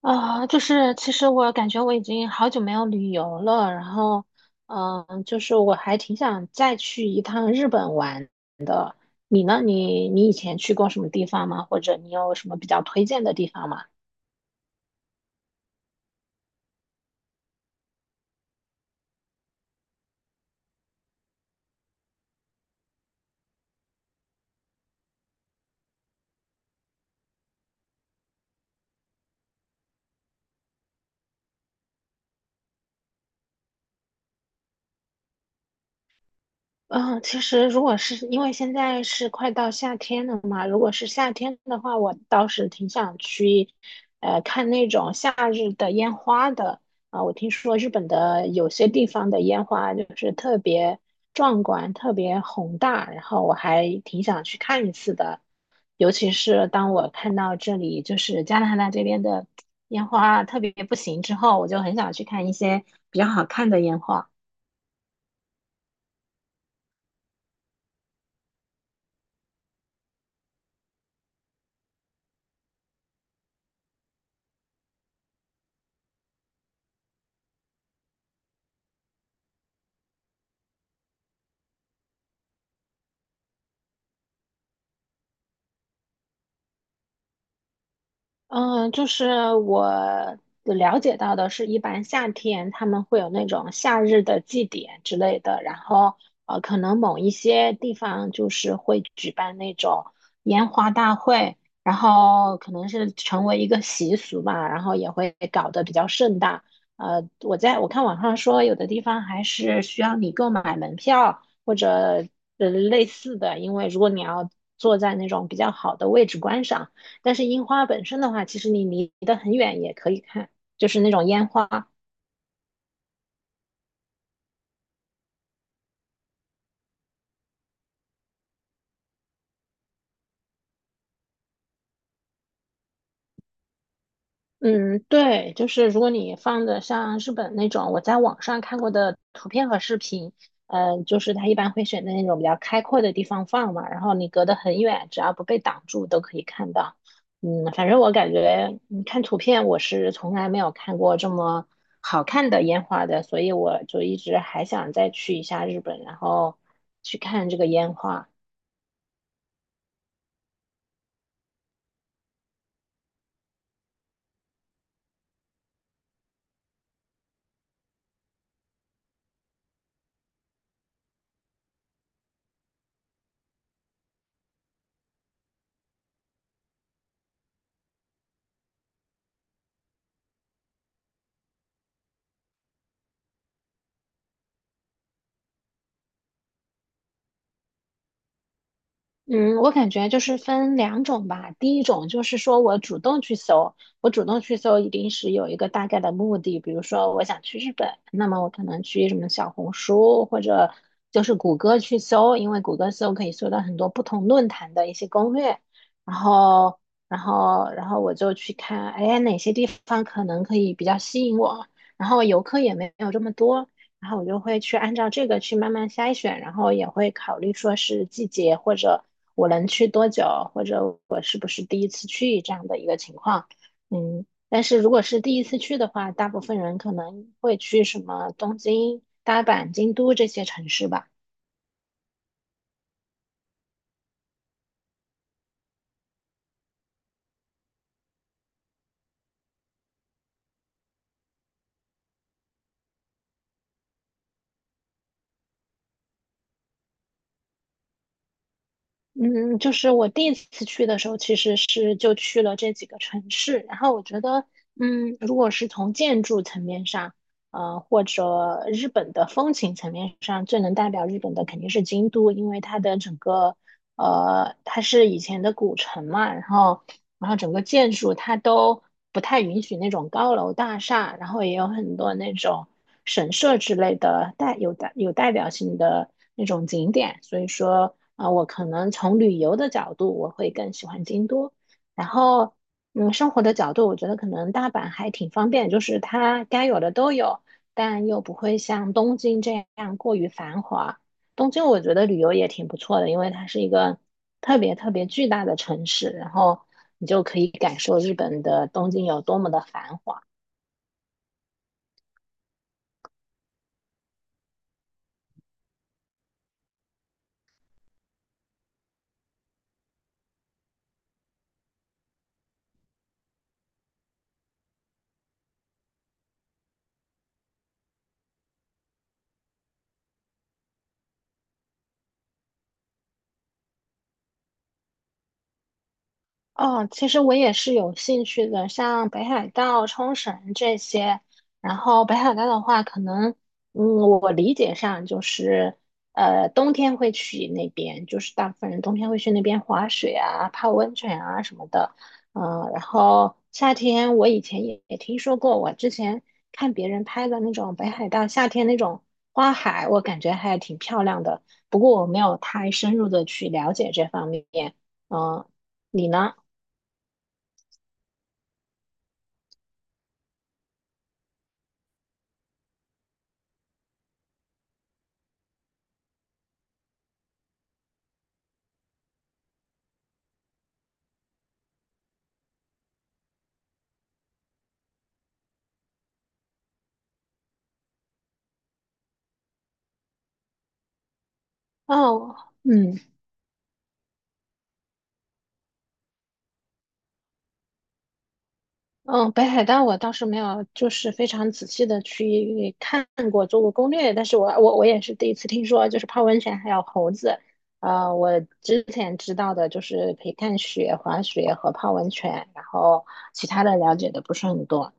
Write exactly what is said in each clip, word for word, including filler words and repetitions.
啊、就是其实我感觉我已经好久没有旅游了，然后，嗯、就是我还挺想再去一趟日本玩。你呢？你你以前去过什么地方吗？或者你有什么比较推荐的地方吗？嗯，其实如果是因为现在是快到夏天了嘛，如果是夏天的话，我倒是挺想去，呃，看那种夏日的烟花的。啊、我听说日本的有些地方的烟花就是特别壮观、特别宏大，然后我还挺想去看一次的。尤其是当我看到这里就是加拿大这边的烟花特别不行之后，我就很想去看一些比较好看的烟花。嗯，就是我了解到的是，一般夏天他们会有那种夏日的祭典之类的，然后呃，可能某一些地方就是会举办那种烟花大会，然后可能是成为一个习俗吧，然后也会搞得比较盛大。呃，我在我看网上说，有的地方还是需要你购买门票或者呃类似的，因为如果你要坐在那种比较好的位置观赏。但是樱花本身的话，其实你离得很远也可以看，就是那种烟花。嗯，对，就是如果你放的像日本那种，我在网上看过的图片和视频，呃，就是它一般会选择那种比较开阔的地方放嘛，然后你隔得很远，只要不被挡住都可以看到。嗯，反正我感觉，嗯，看图片我是从来没有看过这么好看的烟花的，所以我就一直还想再去一下日本，然后去看这个烟花。嗯，我感觉就是分两种吧。第一种就是说我主动去搜，我主动去搜一定是有一个大概的目的，比如说我想去日本，那么我可能去什么小红书或者就是谷歌去搜，因为谷歌搜可以搜到很多不同论坛的一些攻略，然后然后然后我就去看，哎，哪些地方可能可以比较吸引我，然后游客也没有这么多。然后我就会去按照这个去慢慢筛选，然后也会考虑说是季节或者我能去多久，或者我是不是第一次去这样的一个情况。嗯，但是如果是第一次去的话，大部分人可能会去什么东京、大阪、京都这些城市吧。嗯，就是我第一次去的时候，其实是就去了这几个城市，然后我觉得，嗯，如果是从建筑层面上，呃，或者日本的风情层面上，最能代表日本的肯定是京都，因为它的整个，呃，它是以前的古城嘛，然后，然后整个建筑它都不太允许那种高楼大厦，然后也有很多那种神社之类的代有代有代表性的那种景点，所以说。啊、我可能从旅游的角度，我会更喜欢京都。然后，嗯，生活的角度，我觉得可能大阪还挺方便，就是它该有的都有，但又不会像东京这样过于繁华。东京我觉得旅游也挺不错的，因为它是一个特别特别巨大的城市，然后你就可以感受日本的东京有多么的繁华。哦，其实我也是有兴趣的，像北海道、冲绳这些。然后北海道的话，可能，嗯，我理解上就是，呃，冬天会去那边，就是大部分人冬天会去那边滑雪啊、泡温泉啊什么的。嗯、然后夏天我以前也也听说过，我之前看别人拍的那种北海道夏天那种花海，我感觉还挺漂亮的。不过我没有太深入的去了解这方面。嗯、你呢？哦，嗯嗯，北海道我倒是没有，就是非常仔细的去看过，做过攻略，但是我我我也是第一次听说，就是泡温泉还有猴子。呃，我之前知道的就是可以看雪、滑雪和泡温泉，然后其他的了解的不是很多。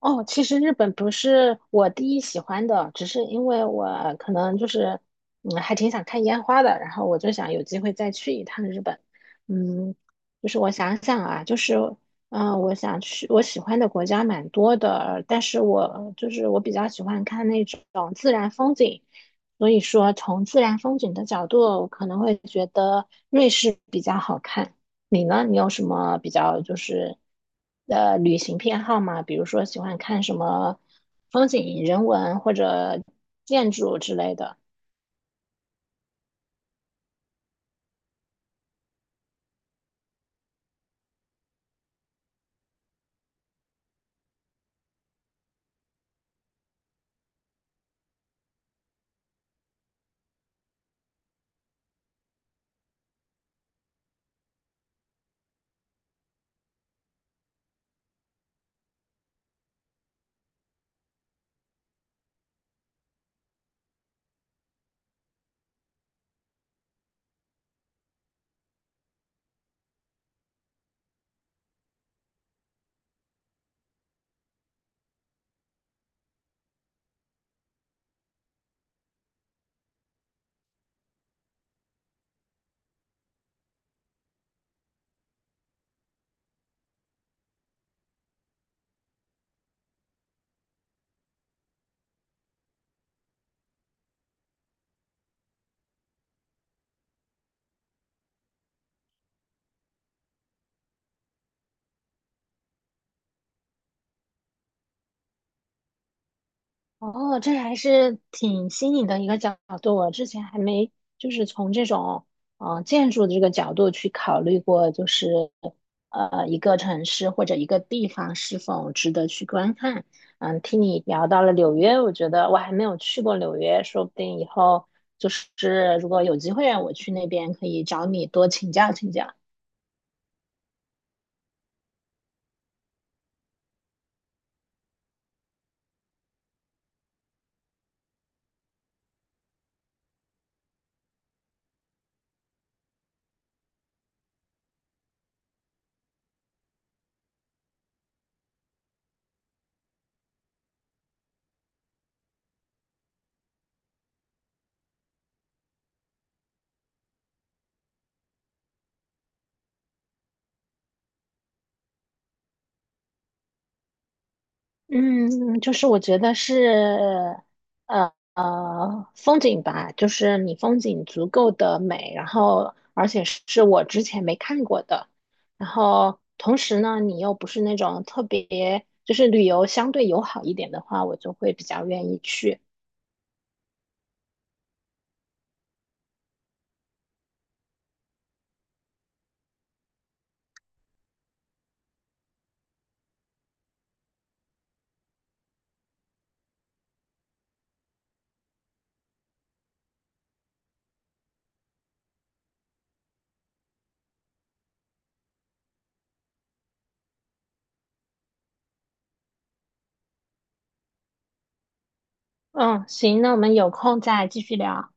哦，其实日本不是我第一喜欢的，只是因为我可能就是，嗯，还挺想看烟花的，然后我就想有机会再去一趟日本。嗯，就是我想想啊，就是，嗯、我想去我喜欢的国家蛮多的，但是我就是我比较喜欢看那种自然风景，所以说从自然风景的角度，我可能会觉得瑞士比较好看。你呢？你有什么比较就是呃旅行偏好吗？比如说喜欢看什么风景、人文或者建筑之类的？哦，这还是挺新颖的一个角度，我之前还没就是从这种呃建筑的这个角度去考虑过，就是呃一个城市或者一个地方是否值得去观看。嗯，听你聊到了纽约，我觉得我还没有去过纽约，说不定以后就是如果有机会让我去那边，可以找你多请教请教。嗯，就是我觉得是，呃呃，风景吧，就是你风景足够的美，然后而且是我之前没看过的，然后同时呢，你又不是那种特别，就是旅游相对友好一点的话，我就会比较愿意去。嗯，行，那我们有空再继续聊。